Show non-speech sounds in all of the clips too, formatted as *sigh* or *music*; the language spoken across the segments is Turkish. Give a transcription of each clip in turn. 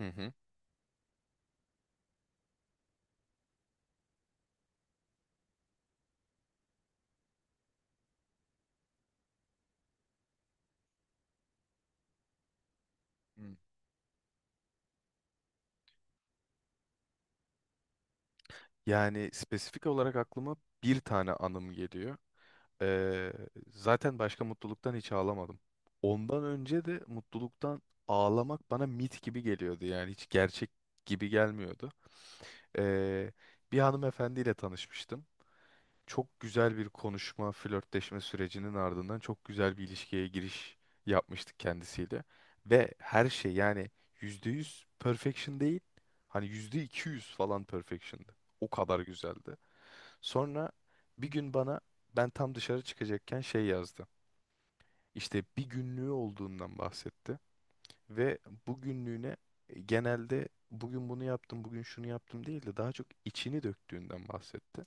Hı hı. Hmm. Yani spesifik olarak aklıma bir tane anım geliyor. Ee, Zaten başka mutluluktan hiç ağlamadım. Ondan önce de mutluluktan ağlamak bana mit gibi geliyordu. Yani hiç gerçek gibi gelmiyordu. Ee, Bir hanımefendiyle tanışmıştım. Çok güzel bir konuşma, flörtleşme sürecinin ardından çok güzel bir ilişkiye giriş yapmıştık kendisiyle. Ve her şey yani %100 perfection değil, hani %200 falan perfection'dı. O kadar güzeldi. Sonra bir gün bana ben tam dışarı çıkacakken şey yazdı. İşte bir günlüğü olduğundan bahsetti. Ve bu günlüğüne genelde bugün bunu yaptım, bugün şunu yaptım değil de daha çok içini döktüğünden bahsetti.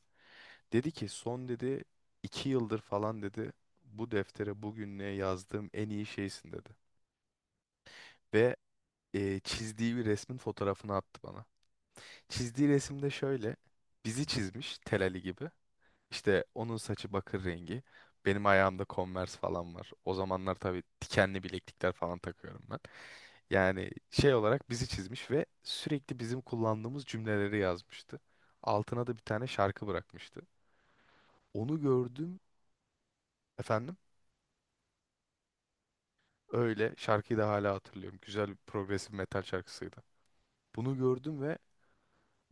Dedi ki son dedi 2 yıldır falan dedi bu deftere bugünlüğe yazdığım en iyi şeysin dedi. Ve çizdiği bir resmin fotoğrafını attı bana. Çizdiği resimde şöyle bizi çizmiş Tel Ali gibi. İşte onun saçı bakır rengi. Benim ayağımda Converse falan var. O zamanlar tabii dikenli bileklikler falan takıyorum ben. Yani şey olarak bizi çizmiş ve sürekli bizim kullandığımız cümleleri yazmıştı. Altına da bir tane şarkı bırakmıştı. Onu gördüm efendim. Öyle. Şarkıyı da hala hatırlıyorum. Güzel bir progresif metal şarkısıydı. Bunu gördüm ve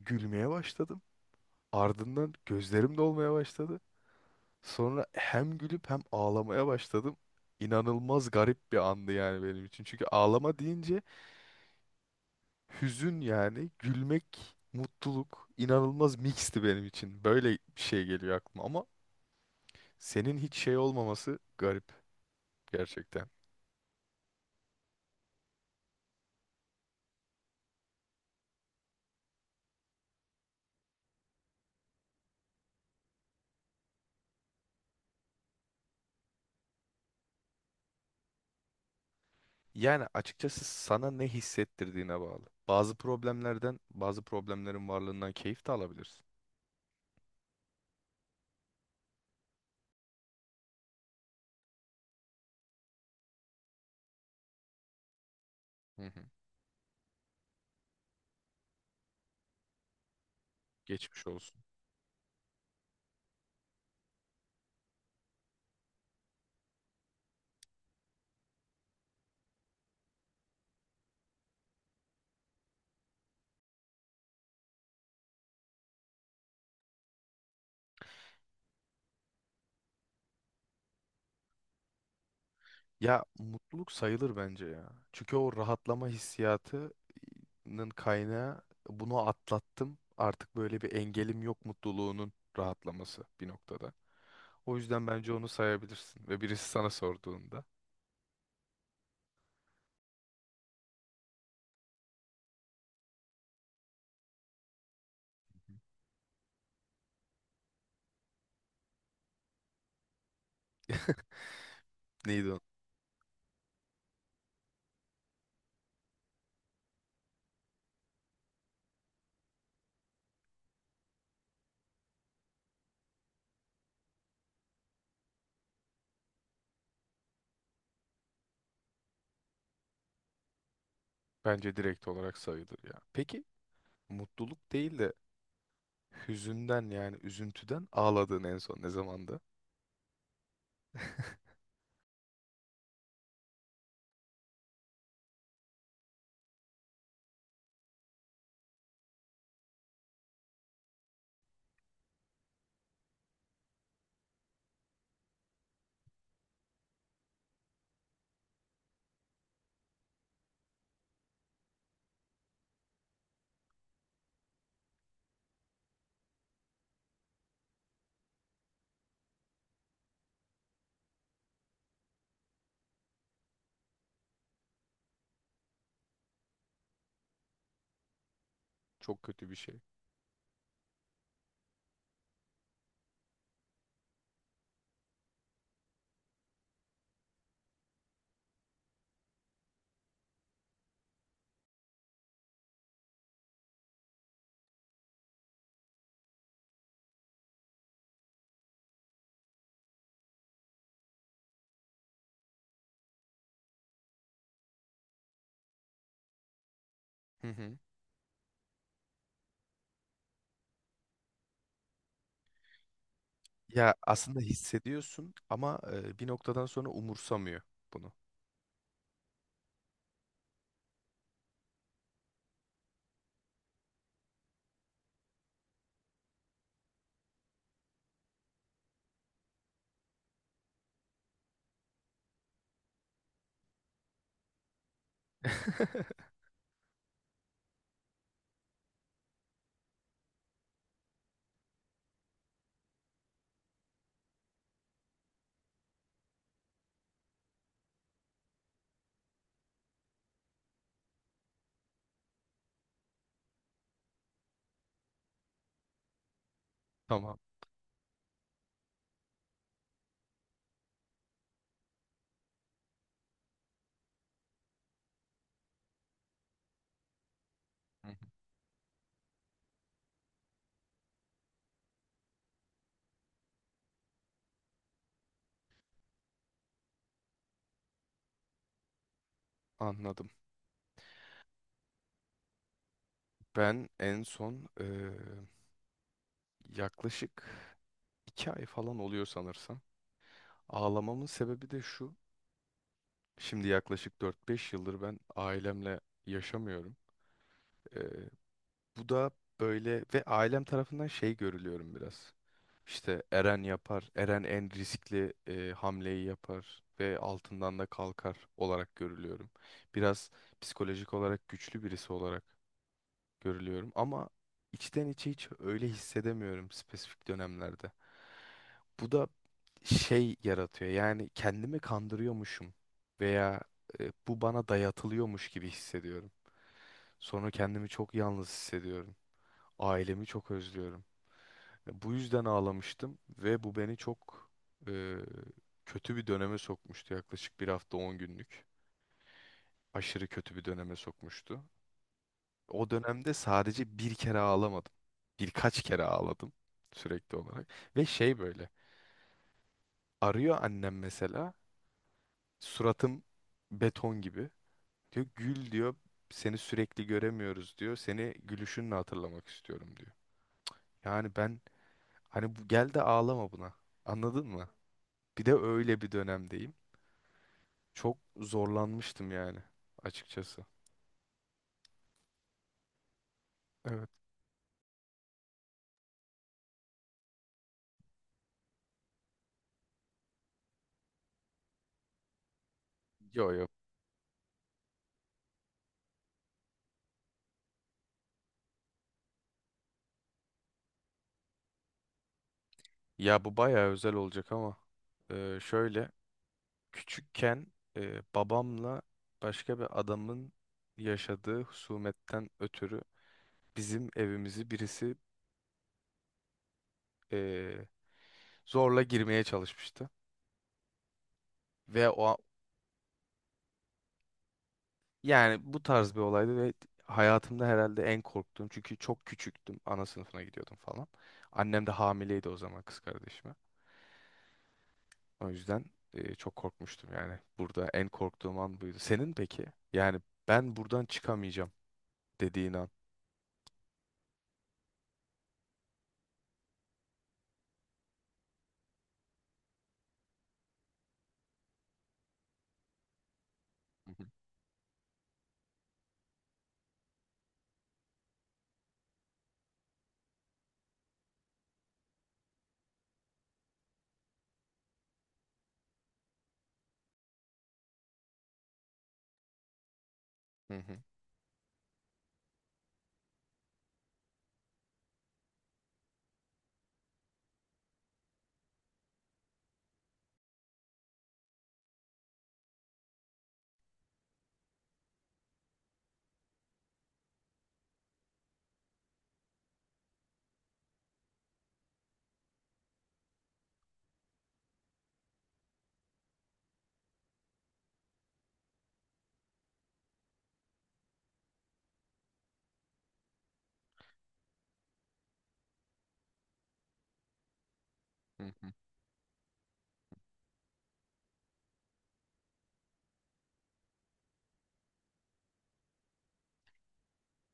gülmeye başladım. Ardından gözlerim dolmaya başladı. Sonra hem gülüp hem ağlamaya başladım. İnanılmaz garip bir andı yani benim için. Çünkü ağlama deyince hüzün yani, gülmek, mutluluk inanılmaz mixti benim için. Böyle bir şey geliyor aklıma ama senin hiç şey olmaması garip gerçekten. Yani açıkçası sana ne hissettirdiğine bağlı. Bazı problemlerden, bazı problemlerin varlığından keyif de alabilirsin. Hı hı. Geçmiş olsun. Ya mutluluk sayılır bence ya. Çünkü o rahatlama hissiyatının kaynağı bunu atlattım. Artık böyle bir engelim yok mutluluğunun rahatlaması bir noktada. O yüzden bence onu sayabilirsin. Ve birisi sana sorduğunda neydi o? Bence direkt olarak sayılır ya. Peki mutluluk değil de hüzünden yani üzüntüden ağladığın en son ne zamandı? *laughs* Çok kötü bir şey. Hı hı. Ya aslında hissediyorsun ama bir noktadan sonra umursamıyor bunu. *laughs* Tamam. Hı hı. Anladım. Ben en son yaklaşık 2 ay falan oluyor sanırsam. Ağlamamın sebebi de şu. Şimdi yaklaşık 4-5 yıldır ben ailemle yaşamıyorum. E, Bu da böyle ve ailem tarafından şey görülüyorum biraz. İşte Eren yapar. Eren en riskli hamleyi yapar ve altından da kalkar olarak görülüyorum. Biraz psikolojik olarak güçlü birisi olarak görülüyorum ama içten içe hiç öyle hissedemiyorum spesifik dönemlerde. Bu da şey yaratıyor. Yani kendimi kandırıyormuşum veya bu bana dayatılıyormuş gibi hissediyorum. Sonra kendimi çok yalnız hissediyorum. Ailemi çok özlüyorum. Bu yüzden ağlamıştım ve bu beni çok e, kötü bir döneme sokmuştu. Yaklaşık bir hafta 10 günlük. Aşırı kötü bir döneme sokmuştu. O dönemde sadece bir kere ağlamadım. Birkaç kere ağladım sürekli olarak. Ve şey böyle arıyor annem mesela suratım beton gibi. Diyor gül diyor seni sürekli göremiyoruz diyor. Seni gülüşünle hatırlamak istiyorum diyor. Yani ben hani bu, gel de ağlama buna anladın mı? Bir de öyle bir dönemdeyim. Çok zorlanmıştım yani açıkçası. Evet. Yo yo. Ya bu bayağı özel olacak ama şöyle küçükken babamla başka bir adamın yaşadığı husumetten ötürü bizim evimizi birisi e, zorla girmeye çalışmıştı. Ve o a- Yani bu tarz bir olaydı ve hayatımda herhalde en korktuğum çünkü çok küçüktüm. Ana sınıfına gidiyordum falan. Annem de hamileydi o zaman kız kardeşim. O yüzden çok korkmuştum yani. Burada en korktuğum an buydu. Senin peki? Yani ben buradan çıkamayacağım dediğin an. Hı hı, hı hı, hı hı.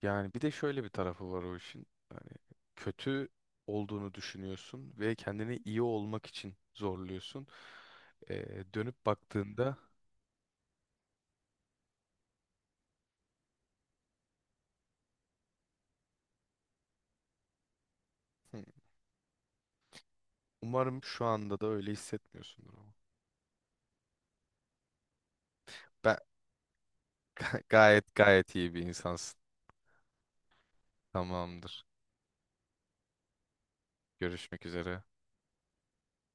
Yani bir de şöyle bir tarafı var o işin. Hani kötü olduğunu düşünüyorsun ve kendini iyi olmak için zorluyorsun. Dönüp baktığında... Hı. Umarım şu anda da öyle hissetmiyorsundur ama. Ben *laughs* gayet gayet iyi bir insansın. Tamamdır. Görüşmek üzere.